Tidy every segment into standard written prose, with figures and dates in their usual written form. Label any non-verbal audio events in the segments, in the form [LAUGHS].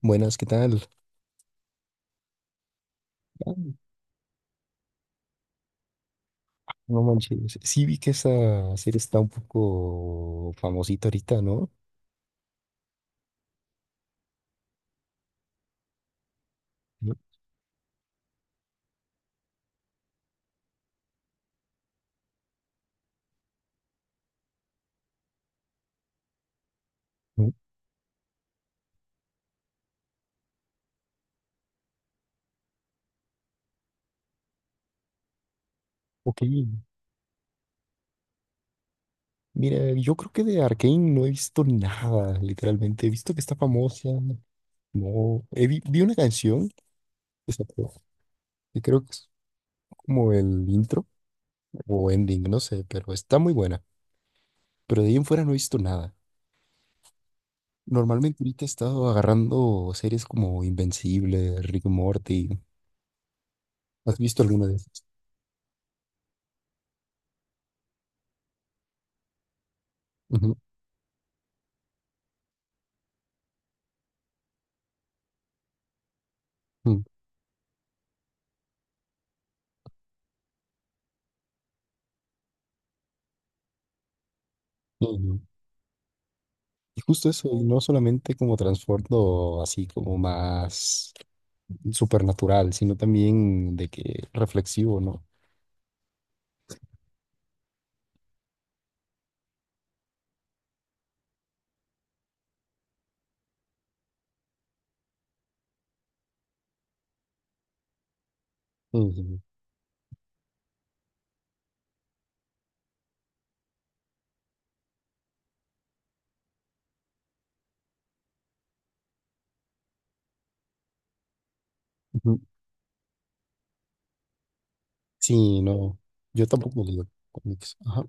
Buenas, ¿qué tal? Ah, no manches. Sí vi que esa serie está un poco famosita ahorita, ¿no? Mm, mm, Ok. Mira, yo creo que de Arcane no he visto nada, literalmente. He visto que está famosa. No, vi una canción que sacó, que creo que es como el intro o ending, no sé, pero está muy buena. Pero de ahí en fuera no he visto nada. Normalmente ahorita he estado agarrando series como Invencible, Rick and Morty. ¿Has visto alguna de esas? Ujú, ujú, ujú. Y justo eso, y no solamente como transbordo así como más supernatural, sino también de que reflexivo, ¿no? Ujú, ujú. Sí, no, yo tampoco digo cómics. Ajá.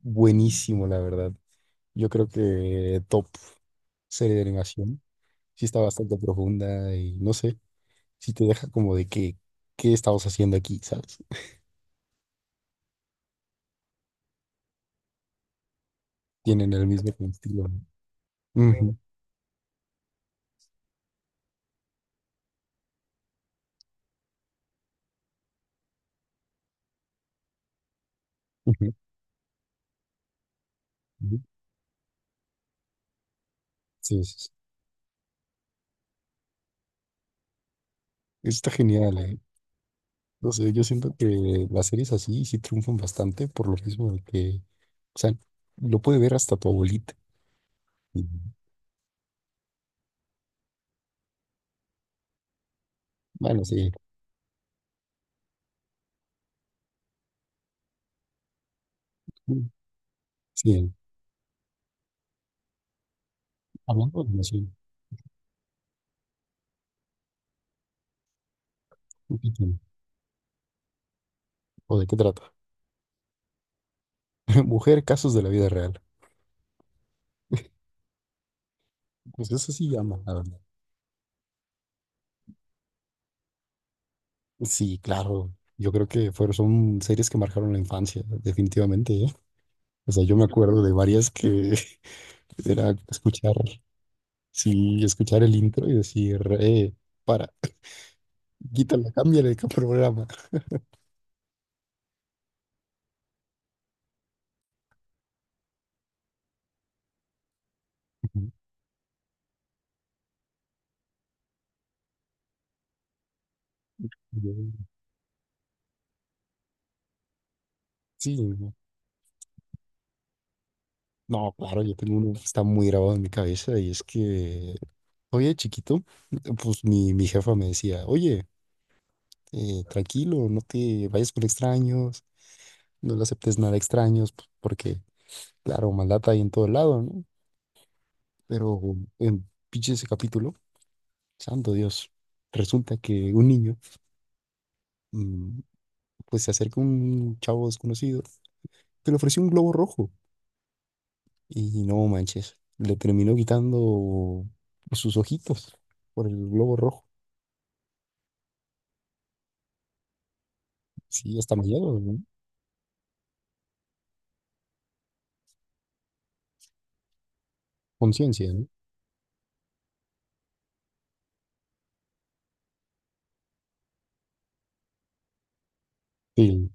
Buenísimo, la verdad. Yo creo que top serie de animación. Sí está bastante profunda y no sé, si te deja como de que, ¿qué estamos haciendo aquí? ¿Sabes? Tienen el mismo estilo, ¿no? Ujú, ujú, ujú. Sí, sí, sí. Está genial, ¿eh? No sé, yo siento que las series así sí triunfan bastante por lo mismo de que, o sea, lo puede ver hasta tu abuelita. Y bueno, sí, mm, sí, hablando de animación, ¿tú qué tienes? ¿O de qué trata? [LAUGHS] Mujer, casos de la vida real. Pues eso sí llama, la verdad. Sí, claro. Yo creo que son series que marcaron la infancia, definitivamente, ¿eh? O sea, yo me acuerdo de varias que [LAUGHS] era escuchar, sí, escuchar el intro y decir, para, [LAUGHS] quítala, cámbiale de programa. [LAUGHS] Sí, no, no, claro, yo tengo uno que está muy grabado en mi cabeza y es que, oye, chiquito, pues mi jefa me decía, oye, tranquilo, no te vayas con extraños, no le aceptes nada a extraños, porque, claro, maldad hay en todo lado, ¿no? Pero en pinche ese capítulo, santo Dios, resulta que un niño, mm, pues se acerca a un chavo desconocido que le ofreció un globo rojo. Y no manches, le terminó quitando sus ojitos por el globo rojo. Sí, hasta mañana, ¿no? Conciencia, ¿no? Sí,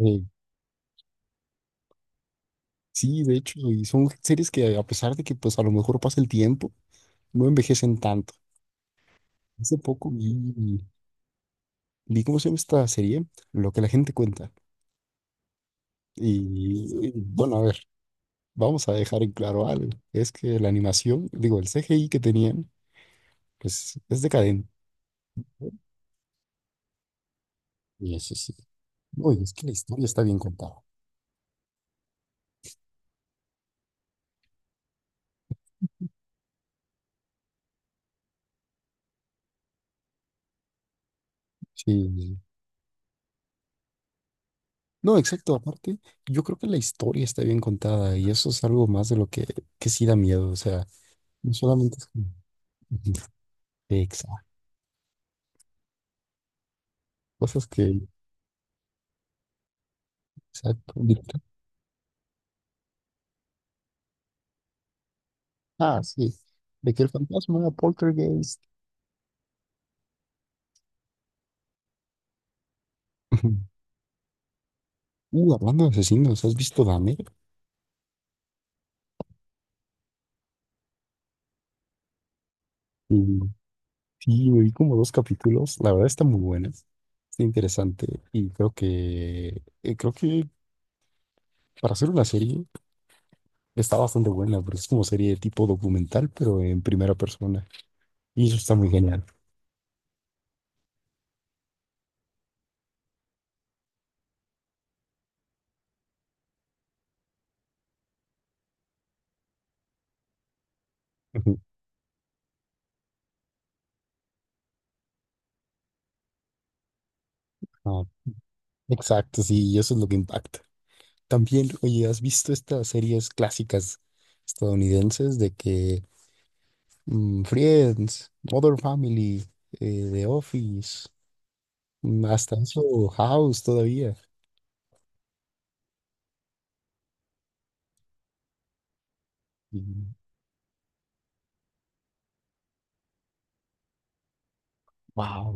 eh, sí, de hecho, y son series que a pesar de que pues a lo mejor pasa el tiempo, no envejecen tanto. Hace poco vi cómo se llama esta serie, Lo que la gente cuenta. Y, y bueno, a ver, vamos a dejar en claro algo. Es que la animación, digo, el CGI que tenían, pues es decadente. Y eso sí. Oye, es que la historia está bien contada. Sí, sí, no, exacto. Aparte, yo creo que la historia está bien contada y eso es algo más de lo que sí da miedo. O sea, no solamente es como [LAUGHS] exacto, cosas que, exacto, de que... Ah, sí, de que el fantasma era poltergeist. [LAUGHS] Ujú. Hablando de asesinos, ¿has visto Dahmer? Y sí, me vi como dos capítulos. La verdad está muy buena, está interesante y creo que para hacer una serie está bastante buena, porque es como serie tipo documental, pero en primera persona. Y eso está muy genial. Ujú. Ah, exacto, sí, y eso es lo que impacta. También, oye, ¿has visto estas series clásicas estadounidenses de que Friends, Modern Family, The Office, mm, hasta eso House todavía? Y wow,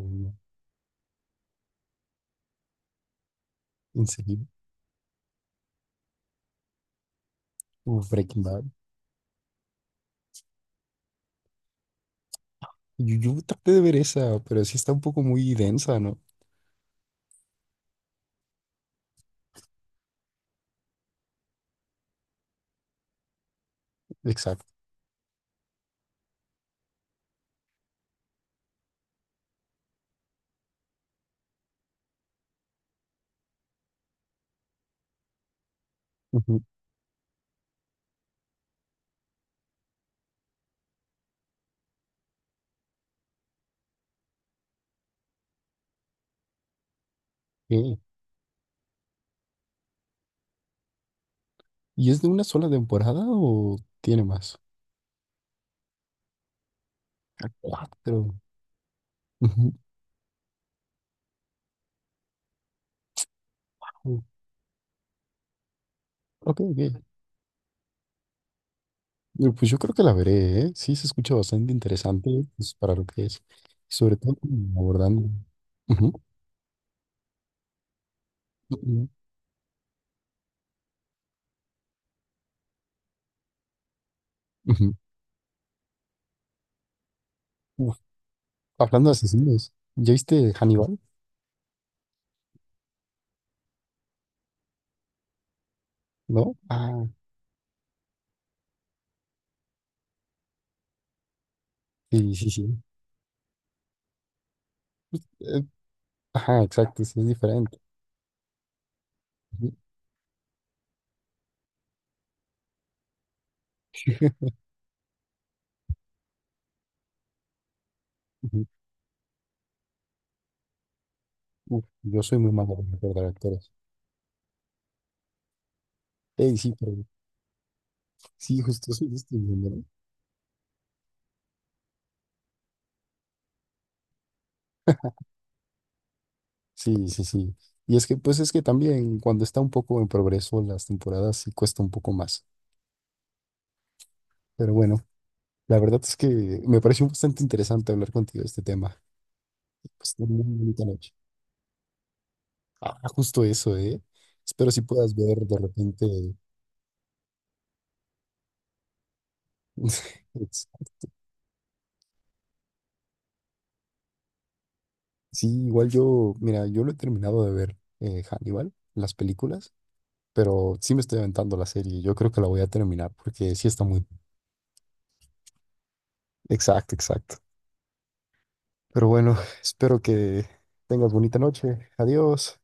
en serio, Breaking Bad. Yo traté de ver esa, pero sí está un poco muy densa, ¿no? Exacto. Ujú. Ok. ¿Y es de una sola temporada o tiene más? Ah, cuatro. Ujú. Ok, ok. Pues yo creo que la veré, ¿eh? Sí, se escucha bastante interesante pues, para lo que es. Sobre todo como abordando. Ujú, ujú, ujú. Uf, hablando de asesinos, ¿ya viste Hannibal? ¿No? Ah, sí, sí, sí. Eh, ajá, exacto, sí, es diferente. Ujú, [LAUGHS] ujú. Uf, yo soy muy malo para recordar actores. Ey, sí, pero sí, justo eso yo estoy viendo, ¿no? Sí, sí, sí. Y es que, pues es que también cuando está un poco en progreso las temporadas sí cuesta un poco más. Pero bueno. La verdad es que me pareció bastante interesante hablar contigo de este tema. Pues ten una muy bonita noche. Ah, justo eso, ¿eh? Espero si puedas ver de repente. [LAUGHS] es- Sí, igual yo, mira, yo lo he terminado de ver Hannibal, las películas, pero sí me estoy aventando la serie. Yo creo que la voy a terminar porque sí está muy. Exacto, exacto. Pero bueno, [LAUGHS] espero que tengas bonita noche. Adiós.